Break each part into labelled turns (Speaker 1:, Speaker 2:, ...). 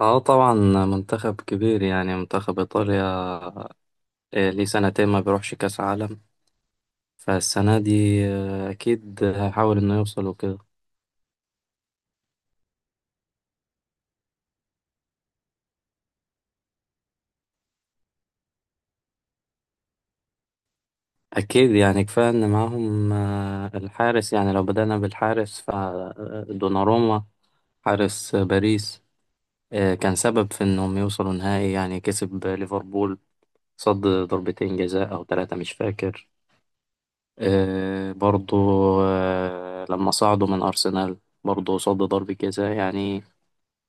Speaker 1: اه طبعا. منتخب كبير يعني منتخب ايطاليا. ليه سنتين ما بيروحش كاس عالم فالسنه دي. اكيد هحاول انه يوصل وكده. اكيد يعني كفايه ان معاهم الحارس يعني لو بدأنا بالحارس فدوناروما حارس باريس. كان سبب في انهم يوصلوا نهائي يعني كسب ليفربول. صد ضربتين جزاء او ثلاثه مش فاكر. برضو لما صعدوا من ارسنال برضه صد ضربة جزاء يعني.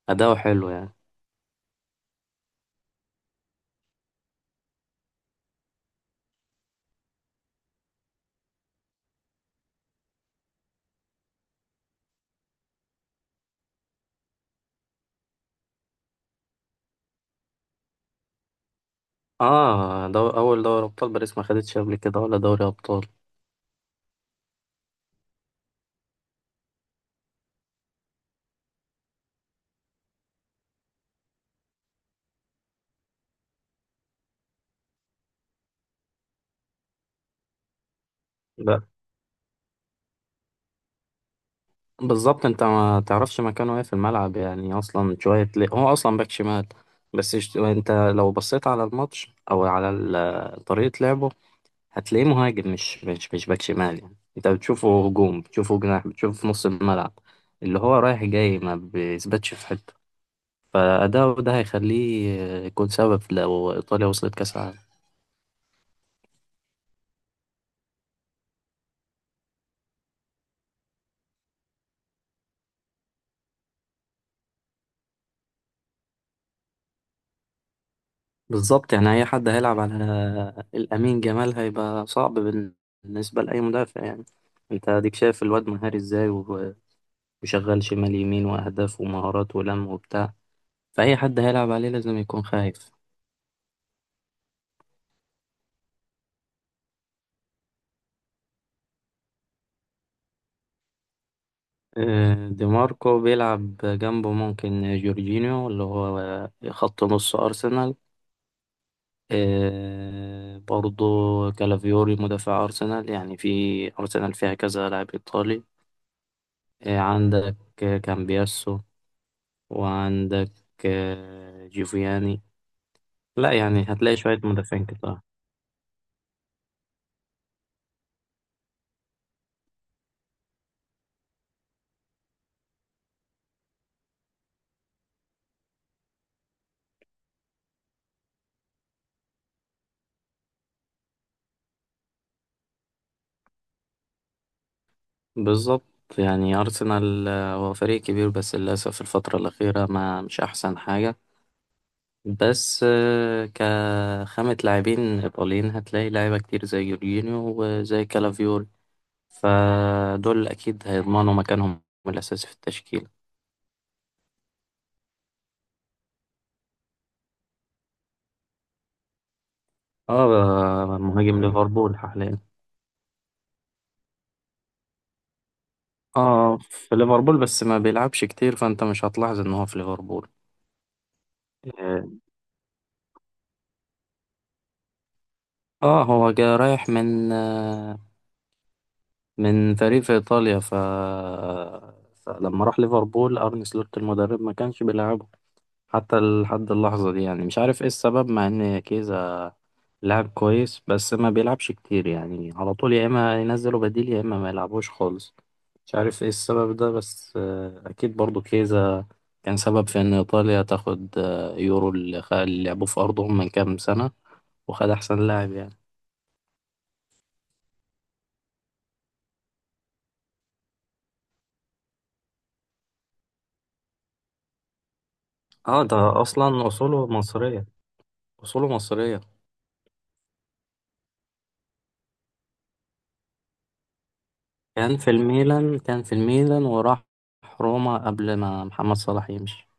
Speaker 1: أداؤه حلو يعني. اه، أول دوري أبطال باريس ما خدتش قبل كده ولا دوري أبطال. لا. بالظبط أنت ما تعرفش مكانه إيه في الملعب يعني أصلا شوية ليه هو أصلا باك شمال. بس أنت لو بصيت على الماتش أو على طريقة لعبه هتلاقيه مهاجم مش باك شمال يعني. أنت بتشوفه هجوم بتشوفه جناح بتشوفه في نص الملعب اللي هو رايح جاي ما بيثبتش في حتة. فأداؤه ده هيخليه يكون سبب لو إيطاليا وصلت كأس العالم. بالظبط يعني أي حد هيلعب على الأمين جمال هيبقى صعب بالنسبة لأي مدافع يعني. أنت أديك شايف الواد مهاري إزاي وشغال شمال يمين وأهداف ومهارات ولم وبتاع. فأي حد هيلعب عليه لازم يكون خايف. دي ماركو بيلعب جنبه ممكن جورجينيو اللي هو خط نص أرسنال. برضو كالافيوري مدافع أرسنال يعني في أرسنال فيها كذا لاعب إيطالي. عندك كامبياسو وعندك جيفياني. لا يعني هتلاقي شوية مدافعين كتار. بالظبط يعني أرسنال هو فريق كبير بس للأسف الفترة الأخيرة ما مش أحسن حاجة. بس كخامة لاعبين إيطاليين هتلاقي لعيبة كتير زي جورجينيو وزي كالافيوري. فدول أكيد هيضمنوا مكانهم الأساسي في التشكيل. اه، مهاجم ليفربول حاليا. اه، في ليفربول بس ما بيلعبش كتير فأنت مش هتلاحظ إن هو في ليفربول. آه، اه هو جاي رايح من من فريق في ايطاليا فلما راح ليفربول ارن سلوت المدرب ما كانش بيلعبه حتى لحد اللحظه دي يعني مش عارف ايه السبب مع ان كيزا لاعب كويس بس ما بيلعبش كتير يعني على طول يا اما ينزله بديل يا اما ما يلعبوش خالص. مش عارف ايه السبب ده بس اكيد برضو كيزا كان سبب في ان ايطاليا تاخد يورو اللي لعبوه في ارضهم من كام سنه وخد احسن لاعب يعني. اه، ده اصلا اصوله مصريه. أصوله مصرية. كان في الميلان وراح روما قبل ما محمد صلاح يمشي.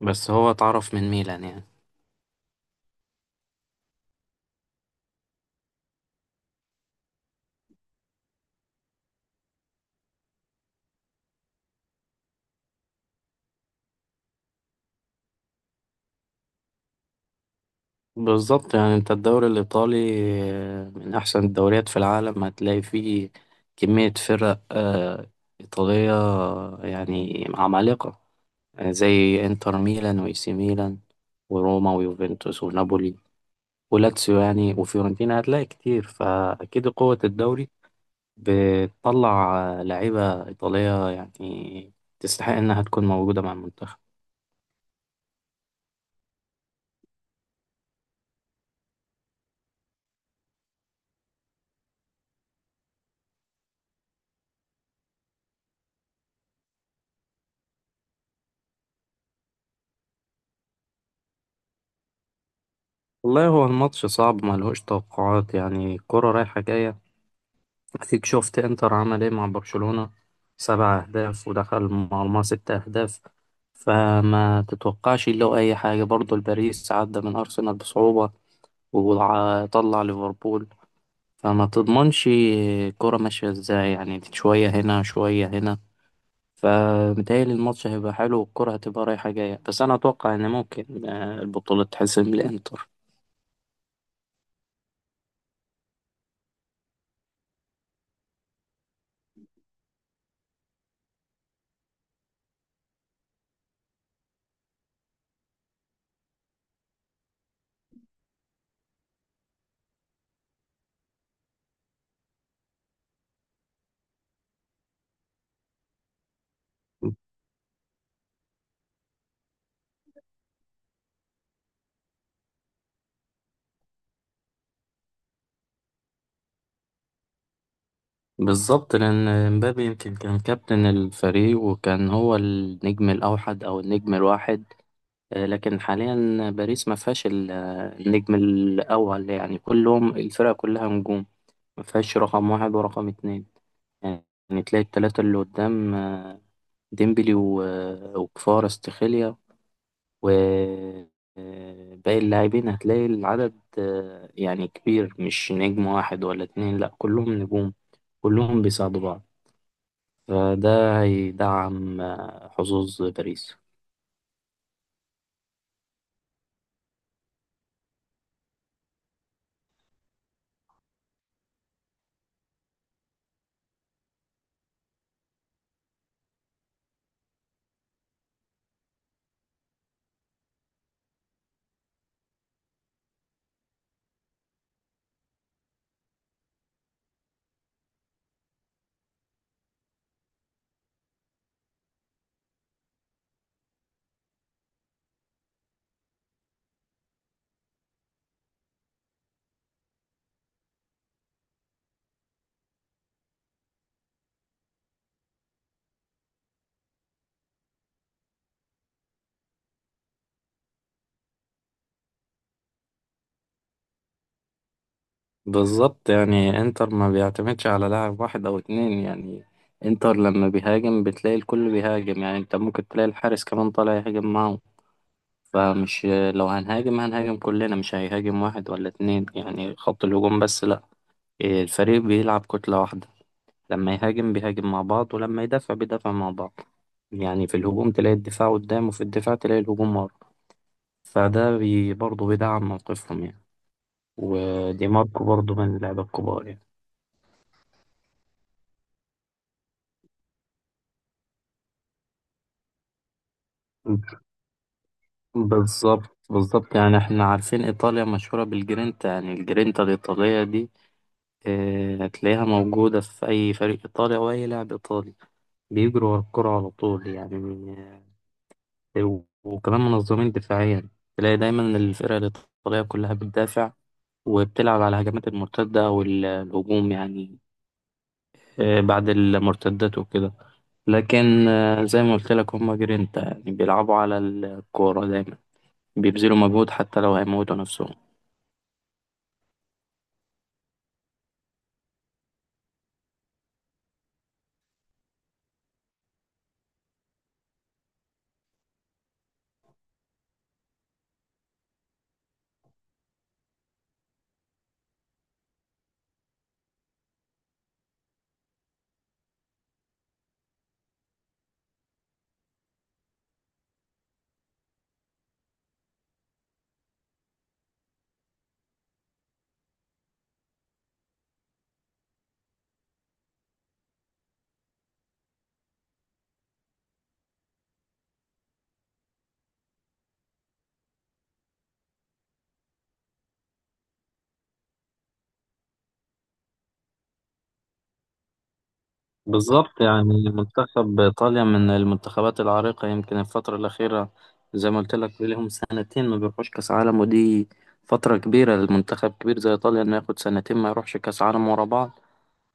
Speaker 1: بس هو اتعرف من ميلان يعني. بالظبط يعني انت الدوري الإيطالي من أحسن الدوريات في العالم هتلاقي فيه كمية فرق إيطالية يعني عمالقة زي إنتر ميلان وإي سي ميلان وروما ويوفنتوس ونابولي ولاتسيو يعني وفيورنتينا هتلاقي كتير. فأكيد قوة الدوري بتطلع لعيبة إيطالية يعني تستحق إنها تكون موجودة مع المنتخب. والله هو الماتش صعب ملهوش توقعات يعني الكرة رايحة جاية. أكيد شفت إنتر عمل إيه مع برشلونة. 7 أهداف ودخل مرمى 6 أهداف. فما تتوقعش له أي حاجة. برضه الباريس عدى من أرسنال بصعوبة وطلع ليفربول. فما تضمنش الكرة ماشية إزاي يعني شوية هنا شوية هنا. فمتهيألي الماتش هيبقى حلو والكرة هتبقى رايحة جاية بس أنا أتوقع إن ممكن البطولة تحسم للإنتر. بالظبط لأن مبابي يمكن كان كابتن الفريق وكان هو النجم الأوحد أو النجم الواحد. لكن حاليا باريس ما فيهاش النجم الأول يعني كلهم الفرقة كلها نجوم. ما فيهاش رقم واحد ورقم اتنين. يعني تلاقي التلاتة اللي قدام ديمبلي وكفارة استخيليا وباقي اللاعبين هتلاقي العدد يعني كبير مش نجم واحد ولا اتنين لأ كلهم نجوم كلهم بيساعدوا بعض. فده هيدعم حظوظ باريس. بالظبط يعني انتر ما بيعتمدش على لاعب واحد أو اتنين يعني. انتر لما بيهاجم بتلاقي الكل بيهاجم يعني انت ممكن تلاقي الحارس كمان طالع يهاجم معه. فمش لو هنهاجم هنهاجم كلنا مش هيهاجم واحد ولا اتنين يعني خط الهجوم بس لأ. الفريق بيلعب كتلة واحدة. لما يهاجم بيهاجم مع بعض ولما يدافع بيدافع مع بعض يعني. في الهجوم تلاقي الدفاع قدام وفي الدفاع تلاقي الهجوم ورا. فده برضه بيدعم موقفهم يعني. ودي ماركو برضه من اللعيبة الكبار يعني. بالظبط، بالظبط، يعني احنا عارفين ايطاليا مشهورة بالجرينتا يعني الجرينتا الايطالية دي. اه هتلاقيها موجودة في اي فريق ايطالي او اي لاعب ايطالي بيجروا ورا الكرة على طول يعني. وكمان منظمين دفاعيا تلاقي دايما الفرقة الايطالية كلها بتدافع وبتلعب على الهجمات المرتدة أو الهجوم يعني بعد المرتدات وكده. لكن زي ما قلت لك هما جرينتا يعني بيلعبوا على الكورة دايما بيبذلوا مجهود حتى لو هيموتوا نفسهم. بالظبط يعني منتخب إيطاليا من المنتخبات العريقة يمكن الفترة الأخيرة زي ما قلت لك لهم سنتين ما بيروحوش كأس عالم ودي فترة كبيرة للمنتخب كبير زي إيطاليا إنه ياخد سنتين ما يروحش كأس عالم ورا بعض.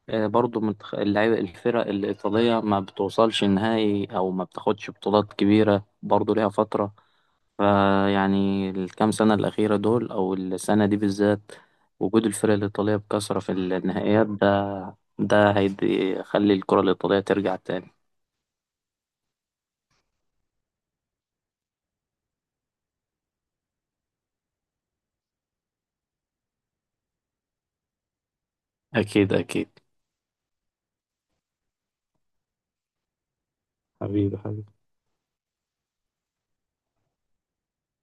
Speaker 1: برضو من اللعيبة الفرق الإيطالية ما بتوصلش نهائي أو ما بتاخدش بطولات كبيرة برضو ليها فترة. فيعني الكام سنة الأخيرة دول أو السنة دي بالذات وجود الفرق الإيطالية بكثرة في النهائيات ده هيخلي الكرة الإيطالية ترجع تاني. أكيد أكيد. حبيبي حبيبي.